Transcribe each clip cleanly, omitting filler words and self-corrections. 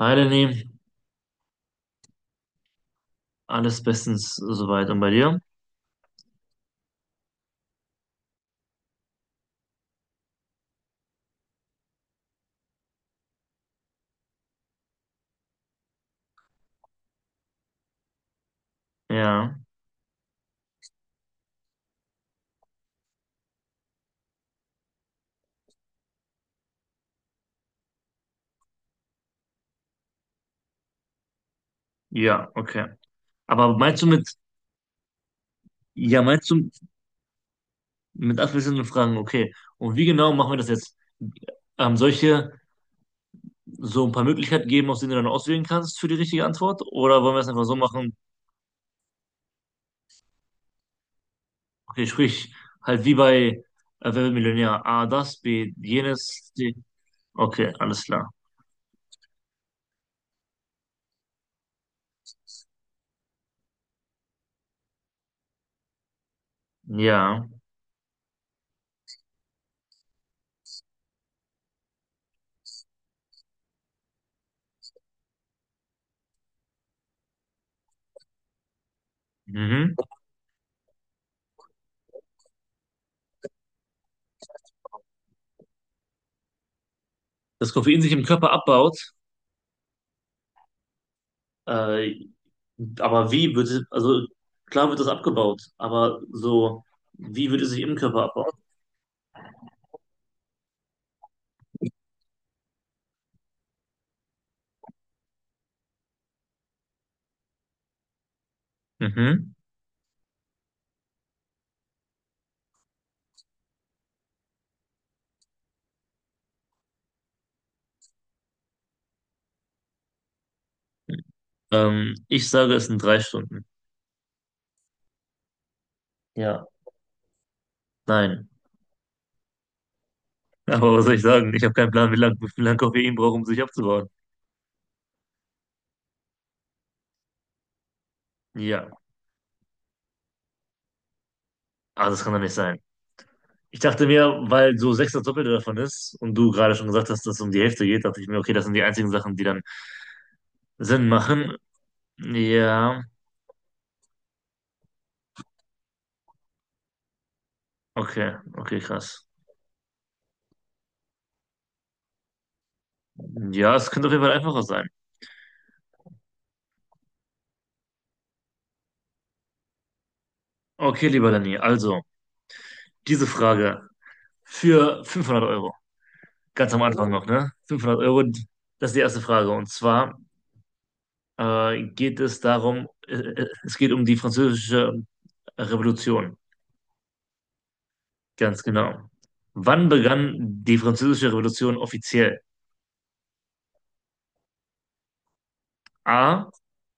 Hi Lenny, alles bestens soweit und bei dir? Ja, ja, okay. Aber meinst du mit, ja, meinst du mit abwechselnden Fragen. Okay. Und wie genau machen wir das jetzt? Soll ich dir so ein paar Möglichkeiten geben, aus denen du dann auswählen kannst für die richtige Antwort? Oder wollen wir es einfach so machen? Okay, sprich halt wie bei Wer wird Millionär? A, das, B, jenes, C. Okay, alles klar. Ja, mhm. Das Koffein sich im Körper abbaut, äh, aber wie wird es, also klar wird das abgebaut, aber so, wie würde es sich im Körper abbauen? Mhm. Ich sage, es sind 3 Stunden. Ja, nein. Aber was soll ich sagen? Ich habe keinen Plan, wie viel lang Koffein braucht, um sich abzubauen. Ja, ah, das kann doch nicht sein. Ich dachte mir, weil so sechs das Doppelte davon ist und du gerade schon gesagt hast, dass es um die Hälfte geht, dachte ich mir, okay, das sind die einzigen Sachen, die dann Sinn machen. Ja, okay, okay, krass. Ja, es könnte auf jeden Fall einfacher sein. Okay, lieber Danny, also diese Frage für 500 Euro. Ganz am Anfang noch, ne? 500 Euro, das ist die erste Frage. Und zwar es geht um die Französische Revolution. Ganz genau. Wann begann die Französische Revolution offiziell? A,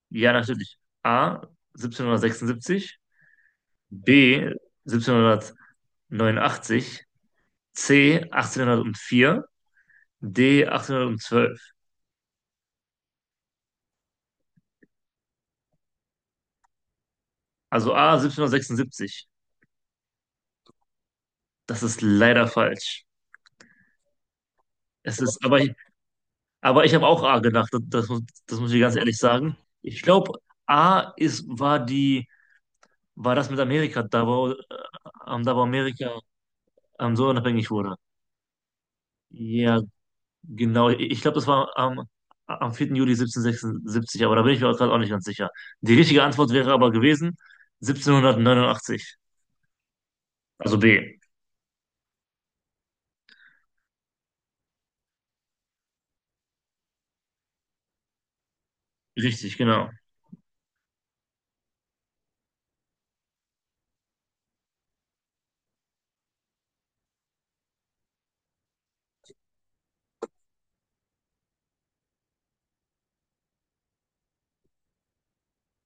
ja, natürlich. A, 1776, B, 1789, C, 1804, D, 1812. Also A, 1776. Das ist leider falsch. Es ist, aber ich habe auch A gedacht, das muss ich ganz ehrlich sagen. Ich glaube, A ist, war die, war das mit Amerika, da wo Amerika so unabhängig wurde. Ja, genau. Ich glaube, das war am 4. Juli 1776. Aber da bin ich mir gerade auch nicht ganz sicher. Die richtige Antwort wäre aber gewesen 1789. Also B. Richtig, genau.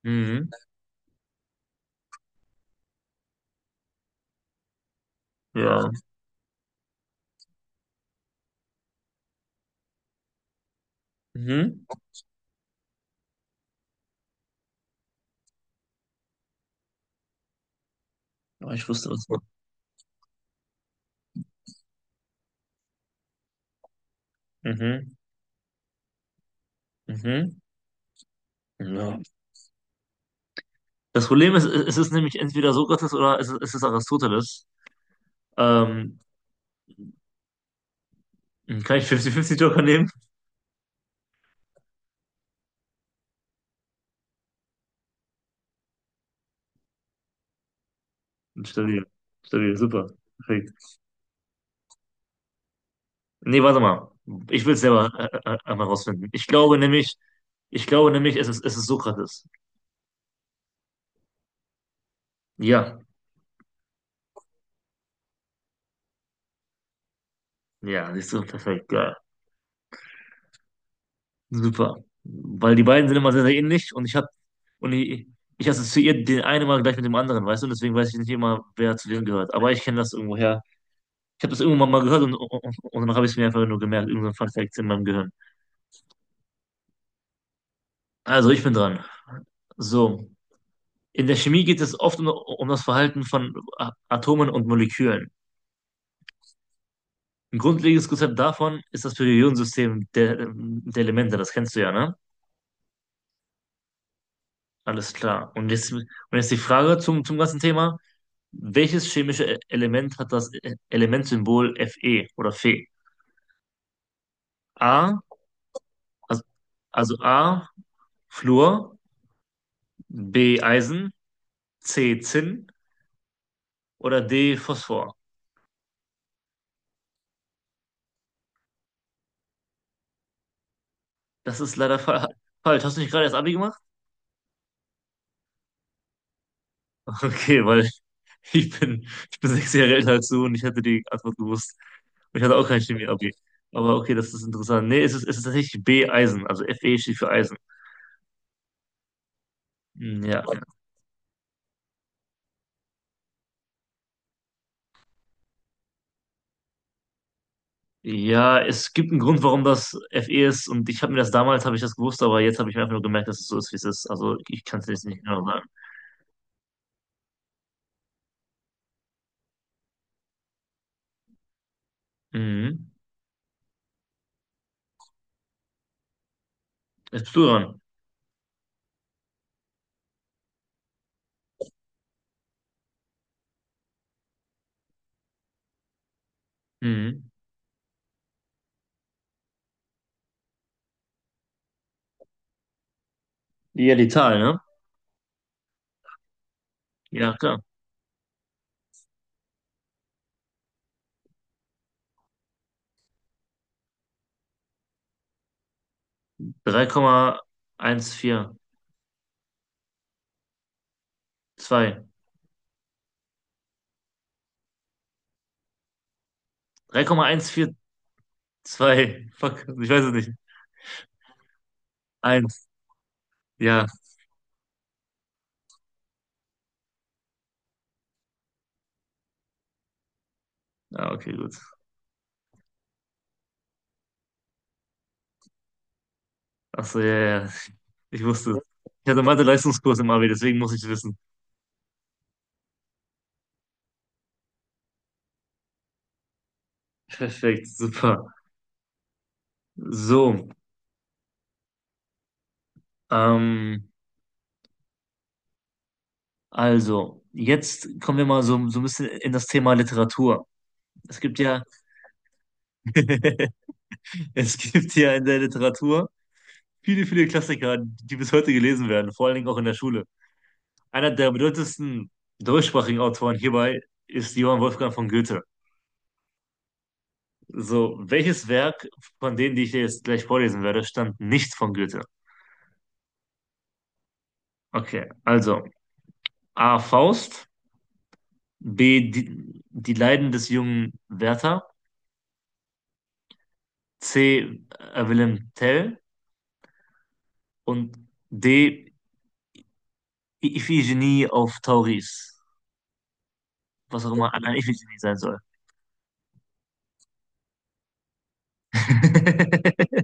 Mhm. Ja. Mhm. Aber ich wusste das. Mhm. Mhm. Ja. Das Problem ist, es ist nämlich entweder Sokrates oder es ist Aristoteles. Ähm, Kann ich 50-50 Joker nehmen? Stabil. Stabil, super. Perfekt. Nee, warte mal. Ich will es selber einmal rausfinden. Ich glaube nämlich, es ist Sokrates. Ja, ja, siehst du, perfekt, geil. Super. Weil die beiden sind immer sehr, sehr ähnlich und ich assoziiere den einen immer gleich mit dem anderen, weißt du? Und deswegen weiß ich nicht immer, wer zu wem gehört. Aber ich kenne das irgendwoher. Ich habe das irgendwann mal gehört und dann habe ich es mir einfach nur gemerkt, irgendein Fun Fact in meinem Gehirn. Also, ich bin dran. So, in der Chemie geht es oft um das Verhalten von Atomen und Molekülen. Ein grundlegendes Konzept davon ist das Periodensystem der Elemente, das kennst du ja, ne? Alles klar. Und jetzt die Frage zum ganzen Thema. Welches chemische Element hat das Elementsymbol Fe oder Fe? A, also, A, Fluor, B, Eisen, C, Zinn oder D, Phosphor. Das ist leider fa falsch. Hast du nicht gerade erst Abi gemacht? Okay, weil ich bin 6 Jahre älter als du und ich hätte die Antwort gewusst. Und ich hatte auch kein Chemie-Abi. Aber okay, das ist interessant. Nee, es ist tatsächlich B, Eisen. Also Fe steht für Eisen. Hm, ja. Ja, es gibt einen Grund, warum das Fe ist. Und ich habe mir das damals, habe ich das gewusst, aber jetzt habe ich mir einfach nur gemerkt, dass es so ist, wie es ist. Also ich kann es jetzt nicht genau sagen. Mhm. Jetzt bist du dran. Mhm. Ja, die Zahl, ne? Ja, klar. Drei Komma eins vier Zwei. 3,142. Fuck, ich weiß es nicht. Eins. Ja. Ja, okay, gut. Achso, ja, ja, ja. Ich wusste es. Ich hatte Mathe-Leistungskurs im Abi, deswegen muss ich es wissen. Perfekt, super. So, ähm, also, jetzt kommen wir mal so, ein bisschen in das Thema Literatur. Es gibt ja, es gibt ja in der Literatur viele, viele Klassiker, die bis heute gelesen werden, vor allen Dingen auch in der Schule. Einer der bedeutendsten deutschsprachigen Autoren hierbei ist Johann Wolfgang von Goethe. So, welches Werk von denen, die ich dir jetzt gleich vorlesen werde, stammt nicht von Goethe? Okay, also A. Faust, B. Die Leiden des jungen Werther, C. Wilhelm Tell und D. Iphigenie auf Tauris. Was auch immer eine Iphigenie sein soll.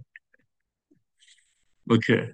Okay,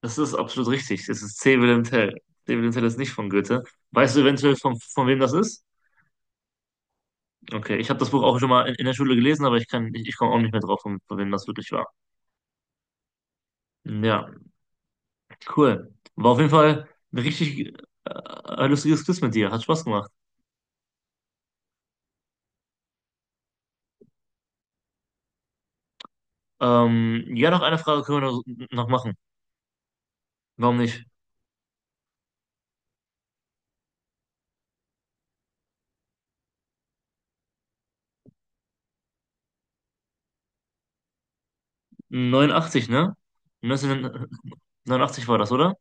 das ist absolut richtig. Das ist C. Wilhelm Tell. C. Wilhelm Tell ist nicht von Goethe. Weißt du eventuell, von wem das ist? Okay, ich habe das Buch auch schon mal in der Schule gelesen, aber ich komme auch nicht mehr drauf, von wem das wirklich war. Ja, cool. War auf jeden Fall ein richtig äh, lustiges Quiz mit dir. Hat Spaß gemacht. Ja, noch eine Frage können wir noch machen. Warum nicht? 89, ne? 1989 war das, oder?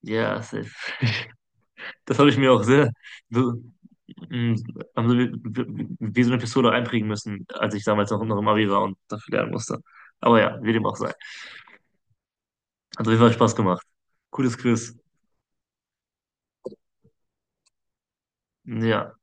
Ja, safe. Das habe ich mir auch sehr so, mh, also wie so eine Pistole einprägen müssen, als ich damals noch im Abi war und dafür lernen musste. Aber ja, wie dem auch sei. Hat auf jeden Fall Spaß gemacht. Cooles Quiz. Ja,